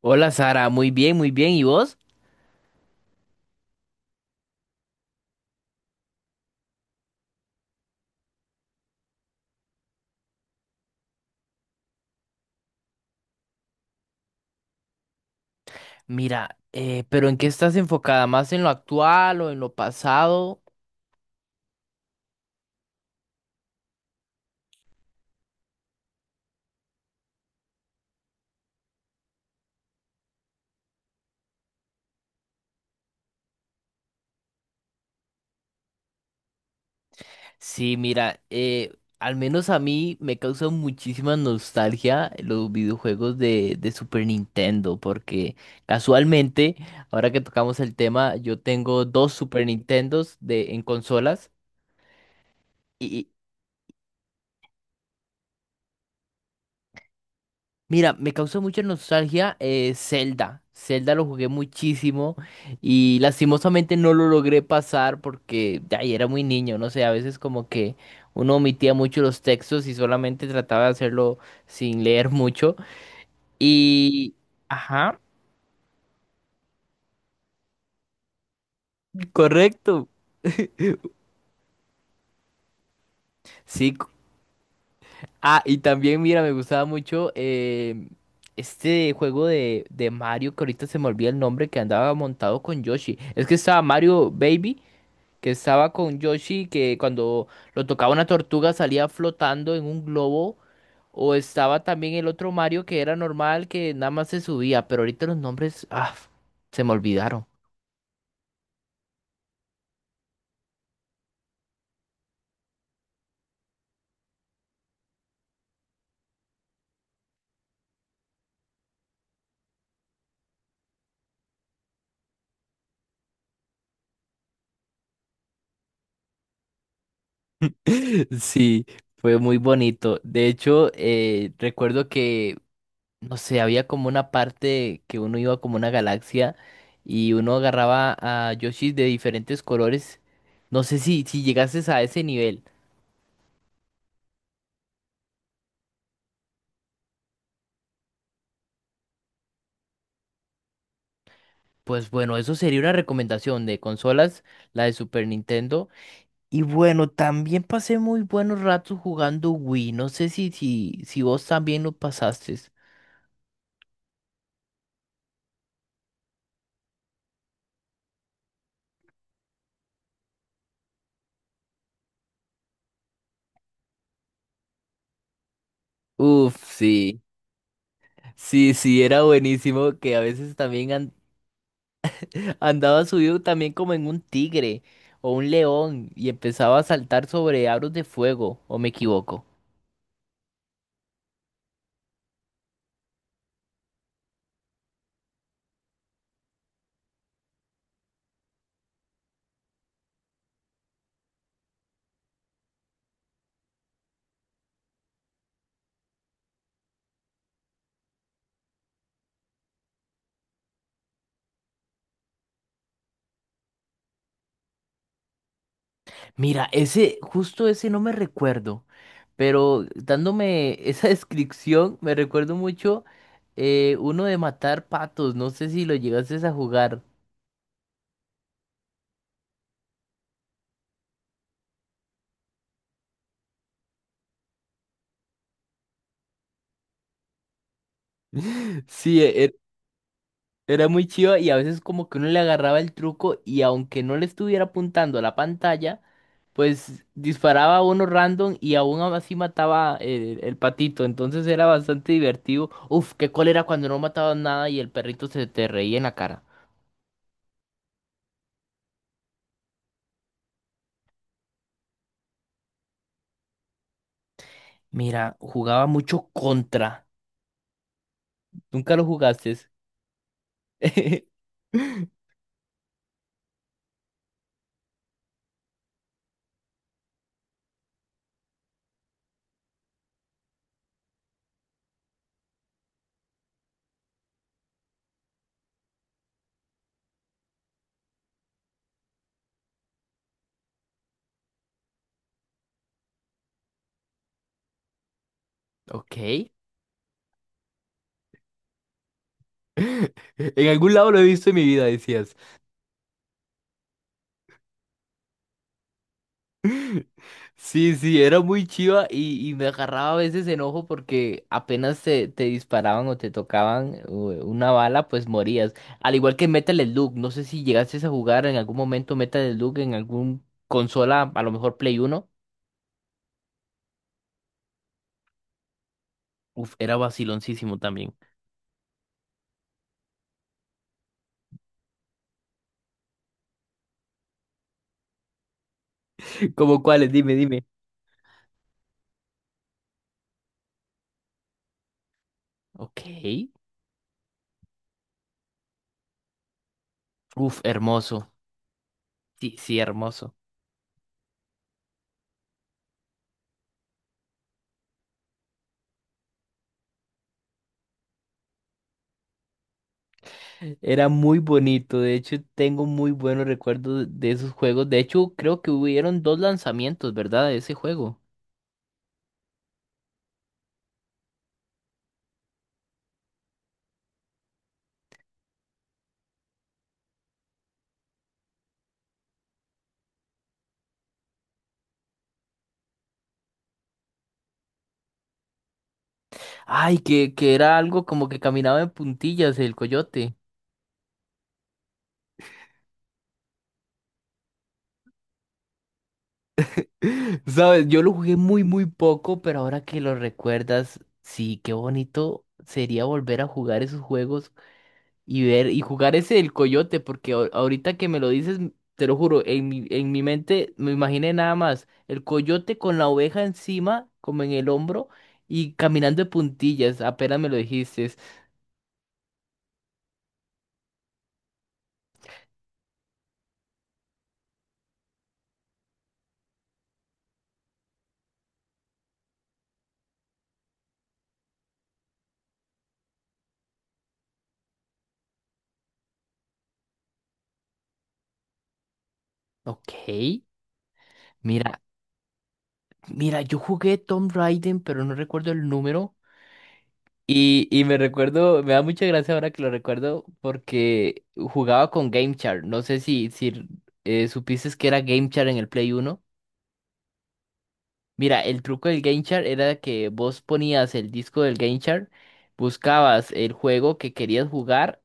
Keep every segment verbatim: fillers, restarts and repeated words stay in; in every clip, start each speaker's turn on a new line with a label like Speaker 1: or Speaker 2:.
Speaker 1: Hola Sara, muy bien, muy bien. ¿Y vos? Mira, eh, pero ¿en qué estás enfocada? ¿Más en lo actual o en lo pasado? Sí, mira, eh, al menos a mí me causa muchísima nostalgia los videojuegos de, de Super Nintendo, porque casualmente, ahora que tocamos el tema, yo tengo dos Super Nintendos de, en consolas. Mira, me causó mucha nostalgia eh, Zelda. Zelda lo jugué muchísimo y lastimosamente no lo logré pasar porque ay, era muy niño, no sé, a veces como que uno omitía mucho los textos y solamente trataba de hacerlo sin leer mucho. Y... Ajá, correcto. Sí. cu- Ah, y también, mira, me gustaba mucho eh, este juego de, de Mario, que ahorita se me olvida el nombre, que andaba montado con Yoshi. Es que estaba Mario Baby, que estaba con Yoshi, que cuando lo tocaba una tortuga salía flotando en un globo, o estaba también el otro Mario que era normal, que nada más se subía, pero ahorita los nombres, ah, se me olvidaron. Sí, fue muy bonito. De hecho, eh, recuerdo que, no sé, había como una parte que uno iba como una galaxia y uno agarraba a Yoshis de diferentes colores. No sé si, si llegases a ese nivel. Pues bueno, eso sería una recomendación de consolas, la de Super Nintendo. Y bueno, también pasé muy buenos ratos jugando Wii. No sé si, si, si vos también lo pasaste. Uf, sí, sí, sí, era buenísimo que a veces también an- andaba subido también como en un tigre o un león y empezaba a saltar sobre aros de fuego, ¿o me equivoco? Mira, ese, justo ese no me recuerdo, pero dándome esa descripción, me recuerdo mucho eh, uno de matar patos, no sé si lo llegases a jugar. Sí, e- e- era muy chido y a veces como que uno le agarraba el truco y aunque no le estuviera apuntando a la pantalla, pues disparaba a uno random y aún así mataba eh, el patito, entonces era bastante divertido. Uf, qué cólera cuando no mataban nada y el perrito se te reía en la cara. Mira, jugaba mucho contra. Nunca lo jugaste. Ok. En algún lado lo he visto en mi vida, decías. Sí, sí, era muy chiva y, y me agarraba a veces enojo porque apenas te, te disparaban o te tocaban eh, una bala, pues morías. Al igual que Metal Slug, no sé si llegaste a jugar en algún momento Metal Slug en algún consola, a lo mejor Play Uno. Uf, era vaciloncísimo también. ¿Cómo cuáles? Dime, dime. Ok. Uf, hermoso. Sí, sí, hermoso. Era muy bonito. De hecho, tengo muy buenos recuerdos de esos juegos. De hecho, creo que hubieron dos lanzamientos, ¿verdad? De ese juego. Ay, que, que era algo como que caminaba en puntillas el coyote. ¿Sabes? Yo lo jugué muy, muy poco, pero ahora que lo recuerdas, sí, qué bonito sería volver a jugar esos juegos y ver y jugar ese del coyote, porque ahor- ahorita que me lo dices, te lo juro, en mi, en mi mente me imaginé nada más el coyote con la oveja encima, como en el hombro, y caminando de puntillas, apenas me lo dijiste. Ok, mira, mira, yo jugué Tomb Raider, pero no recuerdo el número. Y, y me recuerdo, me da mucha gracia ahora que lo recuerdo, porque jugaba con Game Chart. No sé si, si eh, supiste que era Game Chart en el Play Uno. Mira, el truco del Game Chart era que vos ponías el disco del Game Chart, buscabas el juego que querías jugar,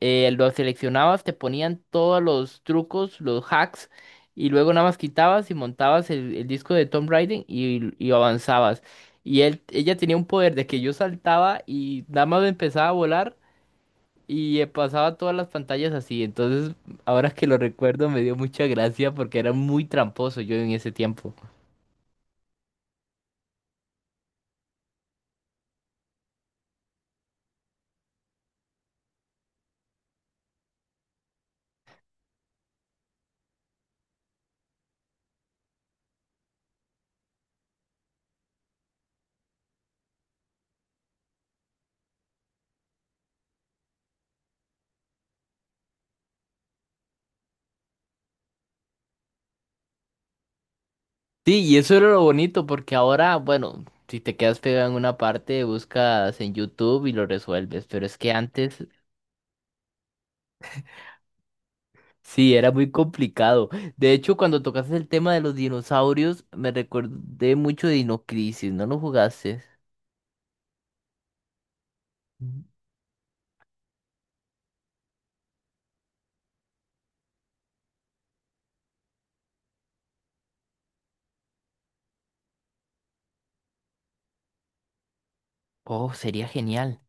Speaker 1: eh, lo seleccionabas, te ponían todos los trucos, los hacks, y luego nada más quitabas y montabas el, el disco de Tomb Raider y, y avanzabas. Y él, ella tenía un poder de que yo saltaba y nada más empezaba a volar y eh, pasaba todas las pantallas así. Entonces, ahora que lo recuerdo, me dio mucha gracia porque era muy tramposo yo en ese tiempo. Sí, y eso era lo bonito, porque ahora, bueno, si te quedas pegado en una parte, buscas en YouTube y lo resuelves, pero es que antes sí, era muy complicado. De hecho, cuando tocaste el tema de los dinosaurios, me recordé mucho de Dinocrisis, ¿no lo jugaste? Mm. Oh, sería genial.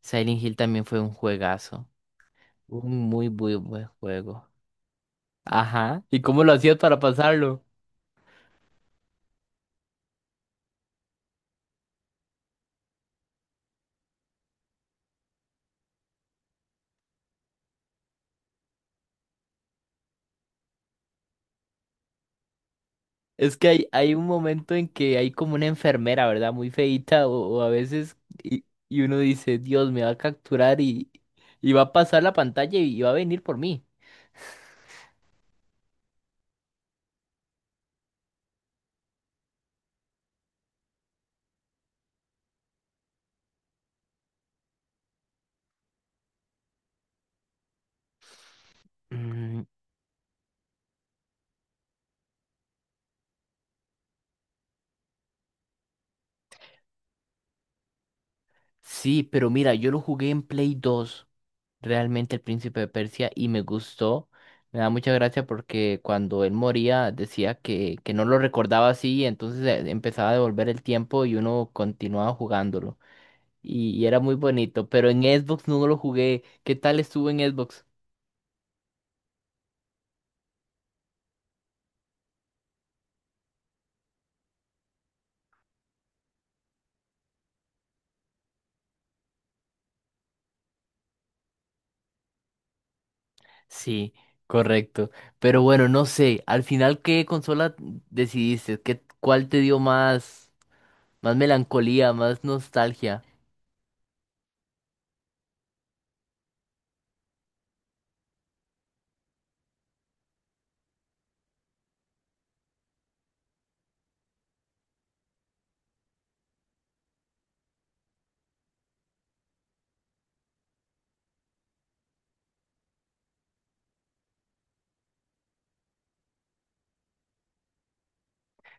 Speaker 1: Silent Hill también fue un juegazo, un muy, muy buen juego. Ajá, ¿y cómo lo hacías para pasarlo? Es que hay, hay un momento en que hay como una enfermera, ¿verdad? Muy feíta o, o a veces y, y uno dice, Dios, me va a capturar y, y va a pasar la pantalla y va a venir por mí. Mm, sí, pero mira, yo lo jugué en Play dos realmente el Príncipe de Persia, y me gustó. Me da mucha gracia porque cuando él moría decía que, que no lo recordaba así, entonces eh, empezaba a devolver el tiempo y uno continuaba jugándolo. Y, y era muy bonito, pero en Xbox no lo jugué. ¿Qué tal estuvo en Xbox? Sí, correcto. Pero bueno, no sé, al final, ¿qué consola decidiste? ¿Qué, cuál te dio más, más melancolía, más nostalgia?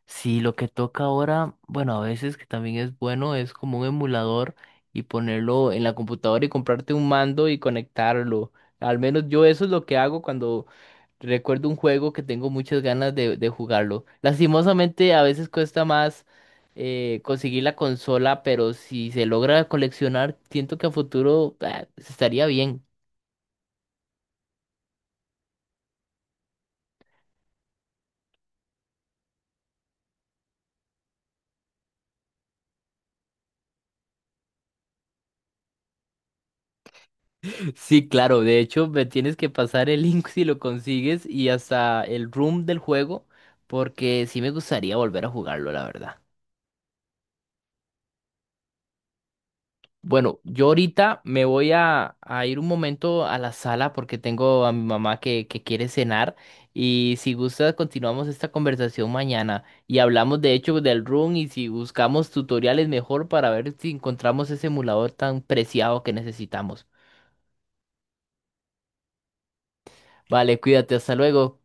Speaker 1: Sí, lo que toca ahora, bueno, a veces que también es bueno, es como un emulador y ponerlo en la computadora y comprarte un mando y conectarlo. Al menos yo eso es lo que hago cuando recuerdo un juego que tengo muchas ganas de, de jugarlo. Lastimosamente, a veces cuesta más eh, conseguir la consola, pero si se logra coleccionar, siento que a futuro ah, estaría bien. Sí, claro, de hecho, me tienes que pasar el link si lo consigues y hasta el room del juego, porque sí me gustaría volver a jugarlo, la verdad. Bueno, yo ahorita me voy a, a ir un momento a la sala porque tengo a mi mamá que, que quiere cenar y si gusta continuamos esta conversación mañana y hablamos de hecho del room y si buscamos tutoriales mejor para ver si encontramos ese emulador tan preciado que necesitamos. Vale, cuídate, hasta luego.